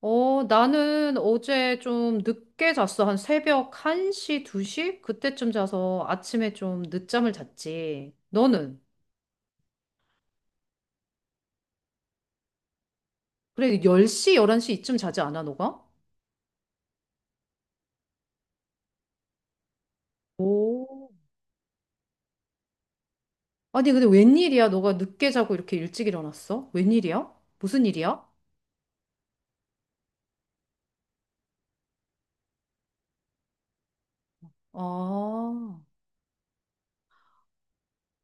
나는 어제 좀 늦게 잤어. 한 새벽 1시, 2시? 그때쯤 자서 아침에 좀 늦잠을 잤지. 너는? 그래, 10시, 11시 이쯤 자지 않아, 너가? 오, 아니, 근데 웬일이야? 너가 늦게 자고 이렇게 일찍 일어났어? 웬일이야? 무슨 일이야? 아,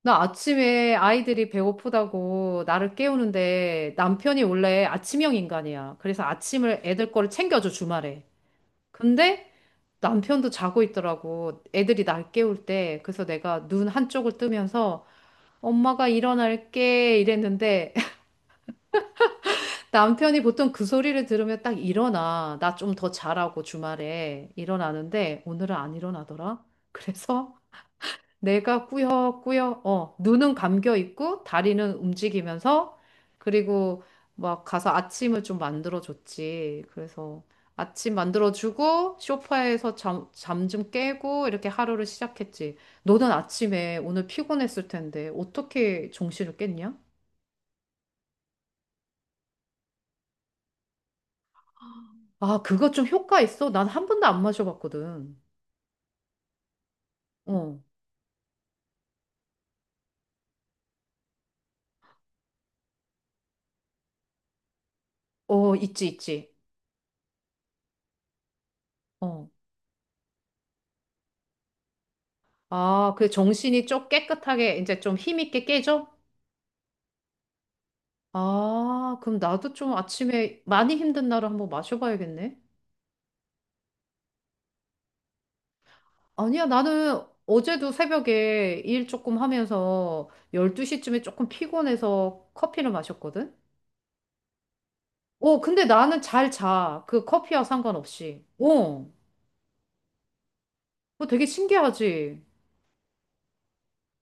나 아침에 아이들이 배고프다고 나를 깨우는데 남편이 원래 아침형 인간이야. 그래서 아침을 애들 거를 챙겨줘, 주말에. 근데 남편도 자고 있더라고. 애들이 날 깨울 때. 그래서 내가 눈 한쪽을 뜨면서 엄마가 일어날게 이랬는데 남편이 보통 그 소리를 들으면 딱 일어나. 나 좀 더 자라고 주말에 일어나는데 오늘은 안 일어나더라. 그래서 내가 꾸역꾸역, 눈은 감겨 있고, 다리는 움직이면서, 그리고 막 가서 아침을 좀 만들어줬지. 그래서 아침 만들어주고, 소파에서 잠 좀 깨고, 이렇게 하루를 시작했지. 너는 아침에 오늘 피곤했을 텐데, 어떻게 정신을 깼냐? 아, 그거 좀 효과 있어? 난 한 번도 안 마셔봤거든. 어, 어, 있지, 있지. 어. 아, 그 정신이 좀 깨끗하게, 이제 좀 힘있게 깨져? 아, 그럼 나도 좀 아침에 많이 힘든 날을 한번 마셔봐야겠네. 아니야, 나는 어제도 새벽에 일 조금 하면서 12시쯤에 조금 피곤해서 커피를 마셨거든? 어, 근데 나는 잘 자. 그 커피와 상관없이. 어, 그거 되게 신기하지?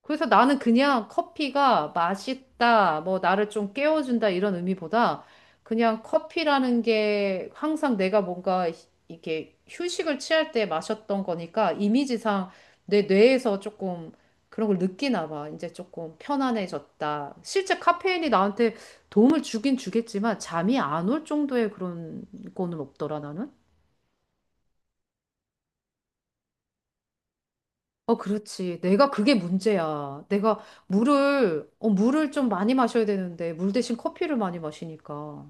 그래서 나는 그냥 커피가 맛있다, 뭐 나를 좀 깨워준다 이런 의미보다 그냥 커피라는 게 항상 내가 뭔가 이게 휴식을 취할 때 마셨던 거니까 이미지상 내 뇌에서 조금 그런 걸 느끼나 봐. 이제 조금 편안해졌다. 실제 카페인이 나한테 도움을 주긴 주겠지만 잠이 안 올 정도의 그런 거는 없더라, 나는. 어, 그렇지. 내가 그게 문제야. 내가 물을 좀 많이 마셔야 되는데, 물 대신 커피를 많이 마시니까.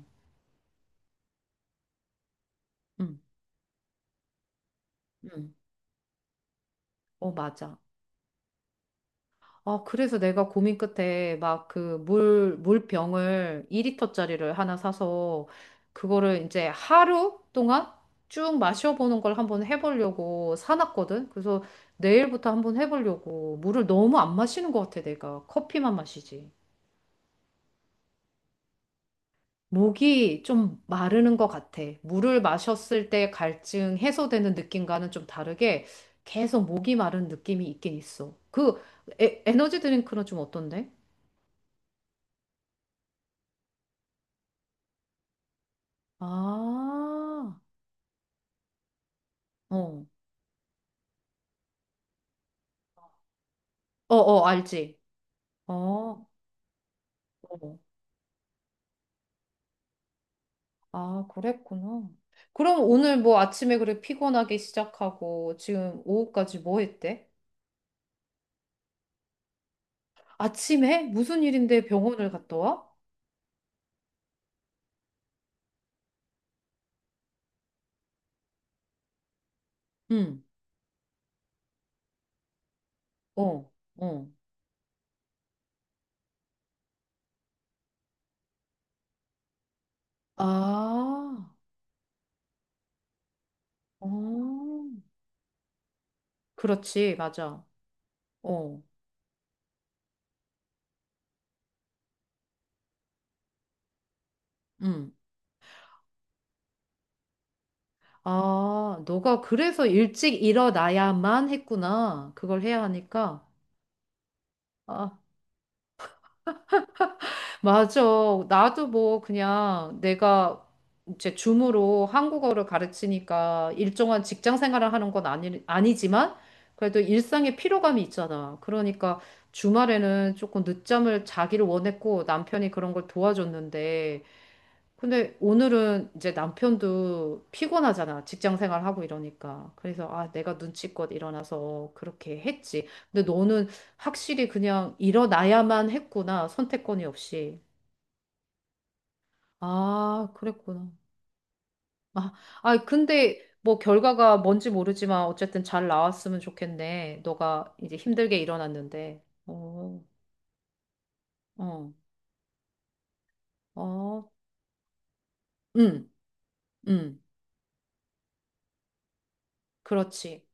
응, 응. 어, 맞아. 아, 그래서 내가 고민 끝에 막 물병을 2리터짜리를 하나 사서, 그거를 이제 하루 동안 쭉 마셔보는 걸 한번 해보려고 사놨거든. 그래서 내일부터 한번 해보려고. 물을 너무 안 마시는 것 같아, 내가. 커피만 마시지. 목이 좀 마르는 것 같아. 물을 마셨을 때 갈증 해소되는 느낌과는 좀 다르게 계속 목이 마른 느낌이 있긴 있어. 그 에너지 드링크는 좀 어떤데? 아, 어, 어, 어, 알지. 어, 어, 아, 그랬구나. 그럼 오늘 뭐 아침에 그래 피곤하게 시작하고 지금 오후까지 뭐 했대? 아침에? 무슨 일인데 병원을 갔다 와? 응, 어, 어. 아, 어. 그렇지, 맞아. 어, 음. 아, 너가 그래서 일찍 일어나야만 했구나. 그걸 해야 하니까. 아, 맞아. 나도 뭐 그냥 내가 이제 줌으로 한국어를 가르치니까 일정한 직장 생활을 하는 건 아니, 아니지만 그래도 일상의 피로감이 있잖아. 그러니까 주말에는 조금 늦잠을 자기를 원했고 남편이 그런 걸 도와줬는데 근데 오늘은 이제 남편도 피곤하잖아. 직장 생활하고 이러니까. 그래서 아, 내가 눈치껏 일어나서 그렇게 했지. 근데 너는 확실히 그냥 일어나야만 했구나. 선택권이 없이. 아, 그랬구나. 아, 아, 근데 뭐 결과가 뭔지 모르지만 어쨌든 잘 나왔으면 좋겠네. 너가 이제 힘들게 일어났는데. 어, 어, 어, 응, 응, 그렇지.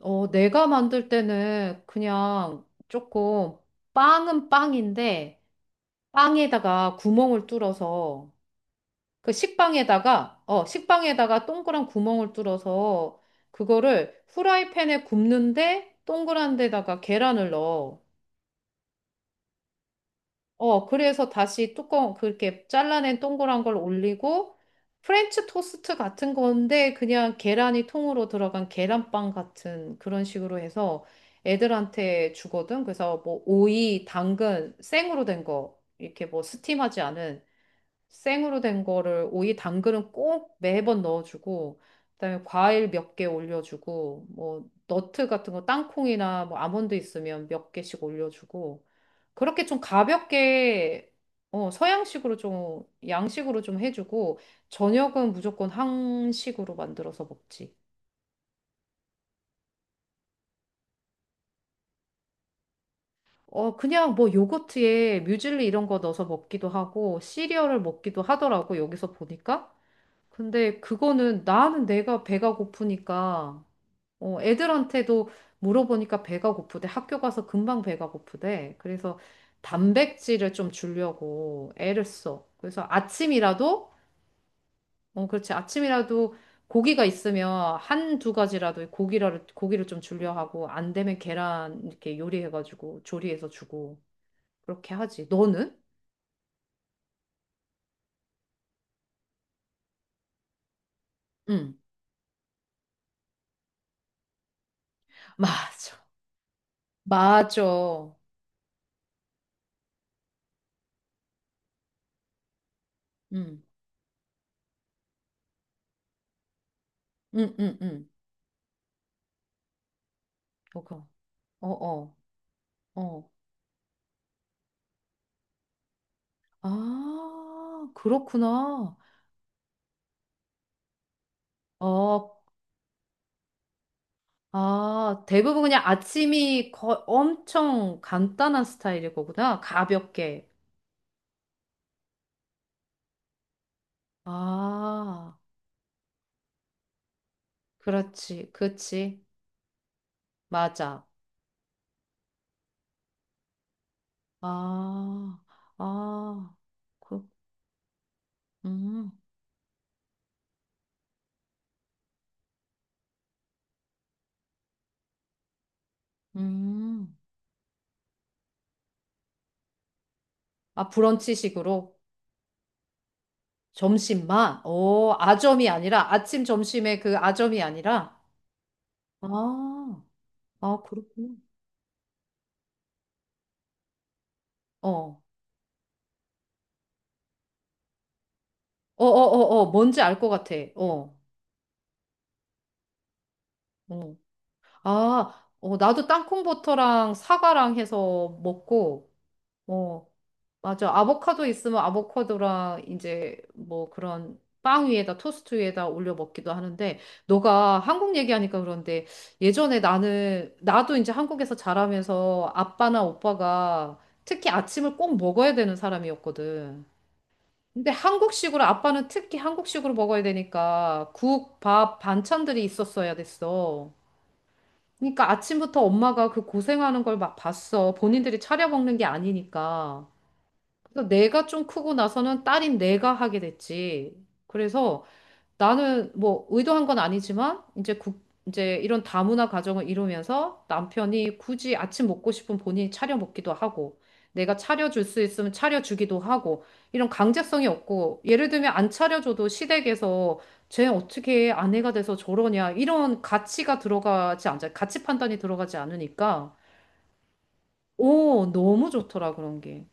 어, 내가 만들 때는 그냥 조금 빵은 빵인데 빵에다가 구멍을 뚫어서 그 식빵에다가 식빵에다가 동그란 구멍을 뚫어서 그거를 후라이팬에 굽는데 동그란 데다가 계란을 넣어. 어, 그래서 다시 뚜껑, 그렇게 잘라낸 동그란 걸 올리고, 프렌치 토스트 같은 건데, 그냥 계란이 통으로 들어간 계란빵 같은 그런 식으로 해서 애들한테 주거든. 그래서 뭐, 오이, 당근, 생으로 된 거, 이렇게 뭐, 스팀하지 않은 생으로 된 거를 오이, 당근은 꼭 매번 넣어주고, 그다음에 과일 몇 개 올려주고, 뭐, 너트 같은 거, 땅콩이나 뭐, 아몬드 있으면 몇 개씩 올려주고, 그렇게 좀 가볍게 어, 서양식으로 좀 양식으로 좀 해주고 저녁은 무조건 한식으로 만들어서 먹지. 어, 그냥 뭐 요거트에 뮤즐리 이런 거 넣어서 먹기도 하고 시리얼을 먹기도 하더라고 여기서 보니까. 근데 그거는 나는 내가 배가 고프니까 어, 애들한테도 물어보니까 배가 고프대. 학교 가서 금방 배가 고프대. 그래서 단백질을 좀 주려고 애를 써. 그래서 아침이라도 어, 그렇지. 아침이라도 고기가 있으면 한두 가지라도 고기를 좀 줄려 하고, 안 되면 계란 이렇게 요리해가지고, 조리해서 주고, 그렇게 하지. 너는? 응. 맞아. 맞아. 응. 응, 응, 응. 그거. 어, 어, 어. 아, 그렇구나. 어, 아, 대부분 그냥 아침이 거, 엄청 간단한 스타일일 거구나. 가볍게. 아, 그렇지. 그치. 맞아. 아, 아, 그, 음, 음. 아, 브런치식으로? 점심만? 오, 아점이 아니라, 아침, 점심에 그 아점이 아니라? 아, 아, 그렇구나. 어, 어, 어, 어, 어, 뭔지 알 것 같아. 어, 어. 아, 어, 나도 땅콩버터랑 사과랑 해서 먹고, 어, 맞아. 아보카도 있으면 아보카도랑 이제 뭐 그런 빵 위에다 토스트 위에다 올려 먹기도 하는데 너가 한국 얘기하니까 그런데 예전에 나는 나도 이제 한국에서 자라면서 아빠나 오빠가 특히 아침을 꼭 먹어야 되는 사람이었거든. 근데 한국식으로 아빠는 특히 한국식으로 먹어야 되니까 국, 밥, 반찬들이 있었어야 됐어. 그러니까 아침부터 엄마가 그 고생하는 걸 막 봤어. 본인들이 차려 먹는 게 아니니까. 그래서 내가 좀 크고 나서는 딸인 내가 하게 됐지. 그래서 나는 뭐 의도한 건 아니지만 이제 국, 이제 이런 다문화 가정을 이루면서 남편이 굳이 아침 먹고 싶은 본인이 차려 먹기도 하고 내가 차려줄 수 있으면 차려주기도 하고 이런 강제성이 없고 예를 들면 안 차려줘도 시댁에서 쟤 어떻게 아내가 돼서 저러냐 이런 가치가 들어가지 않잖아. 가치 판단이 들어가지 않으니까 오, 너무 좋더라 그런 게.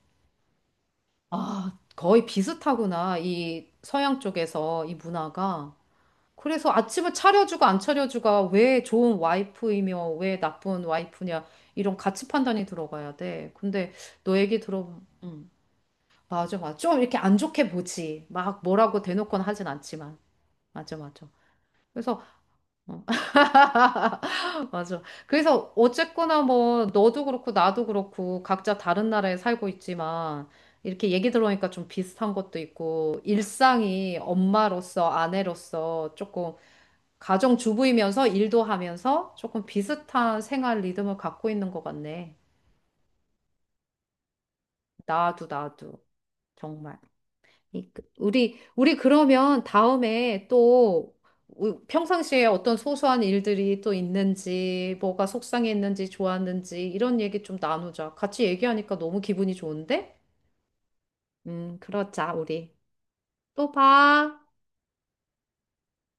아, 거의 비슷하구나. 이 서양 쪽에서 이 문화가. 그래서 아침을 차려주고 안 차려주가 왜 좋은 와이프이며 왜 나쁜 와이프냐 이런 가치 판단이 들어가야 돼. 근데 너 얘기 들어, 맞아, 맞아. 좀 이렇게 안 좋게 보지. 막 뭐라고 대놓고는 하진 않지만. 맞아, 맞아. 그래서 어, 맞아. 그래서 어쨌거나 뭐 너도 그렇고 나도 그렇고 각자 다른 나라에 살고 있지만 이렇게 얘기 들어보니까 좀 비슷한 것도 있고 일상이 엄마로서 아내로서 조금 가정주부이면서 일도 하면서 조금 비슷한 생활 리듬을 갖고 있는 것 같네. 나도 정말. 우리 그러면 다음에 또 평상시에 어떤 소소한 일들이 또 있는지, 뭐가 속상했는지, 좋았는지, 이런 얘기 좀 나누자. 같이 얘기하니까 너무 기분이 좋은데? 그러자, 우리. 또 봐.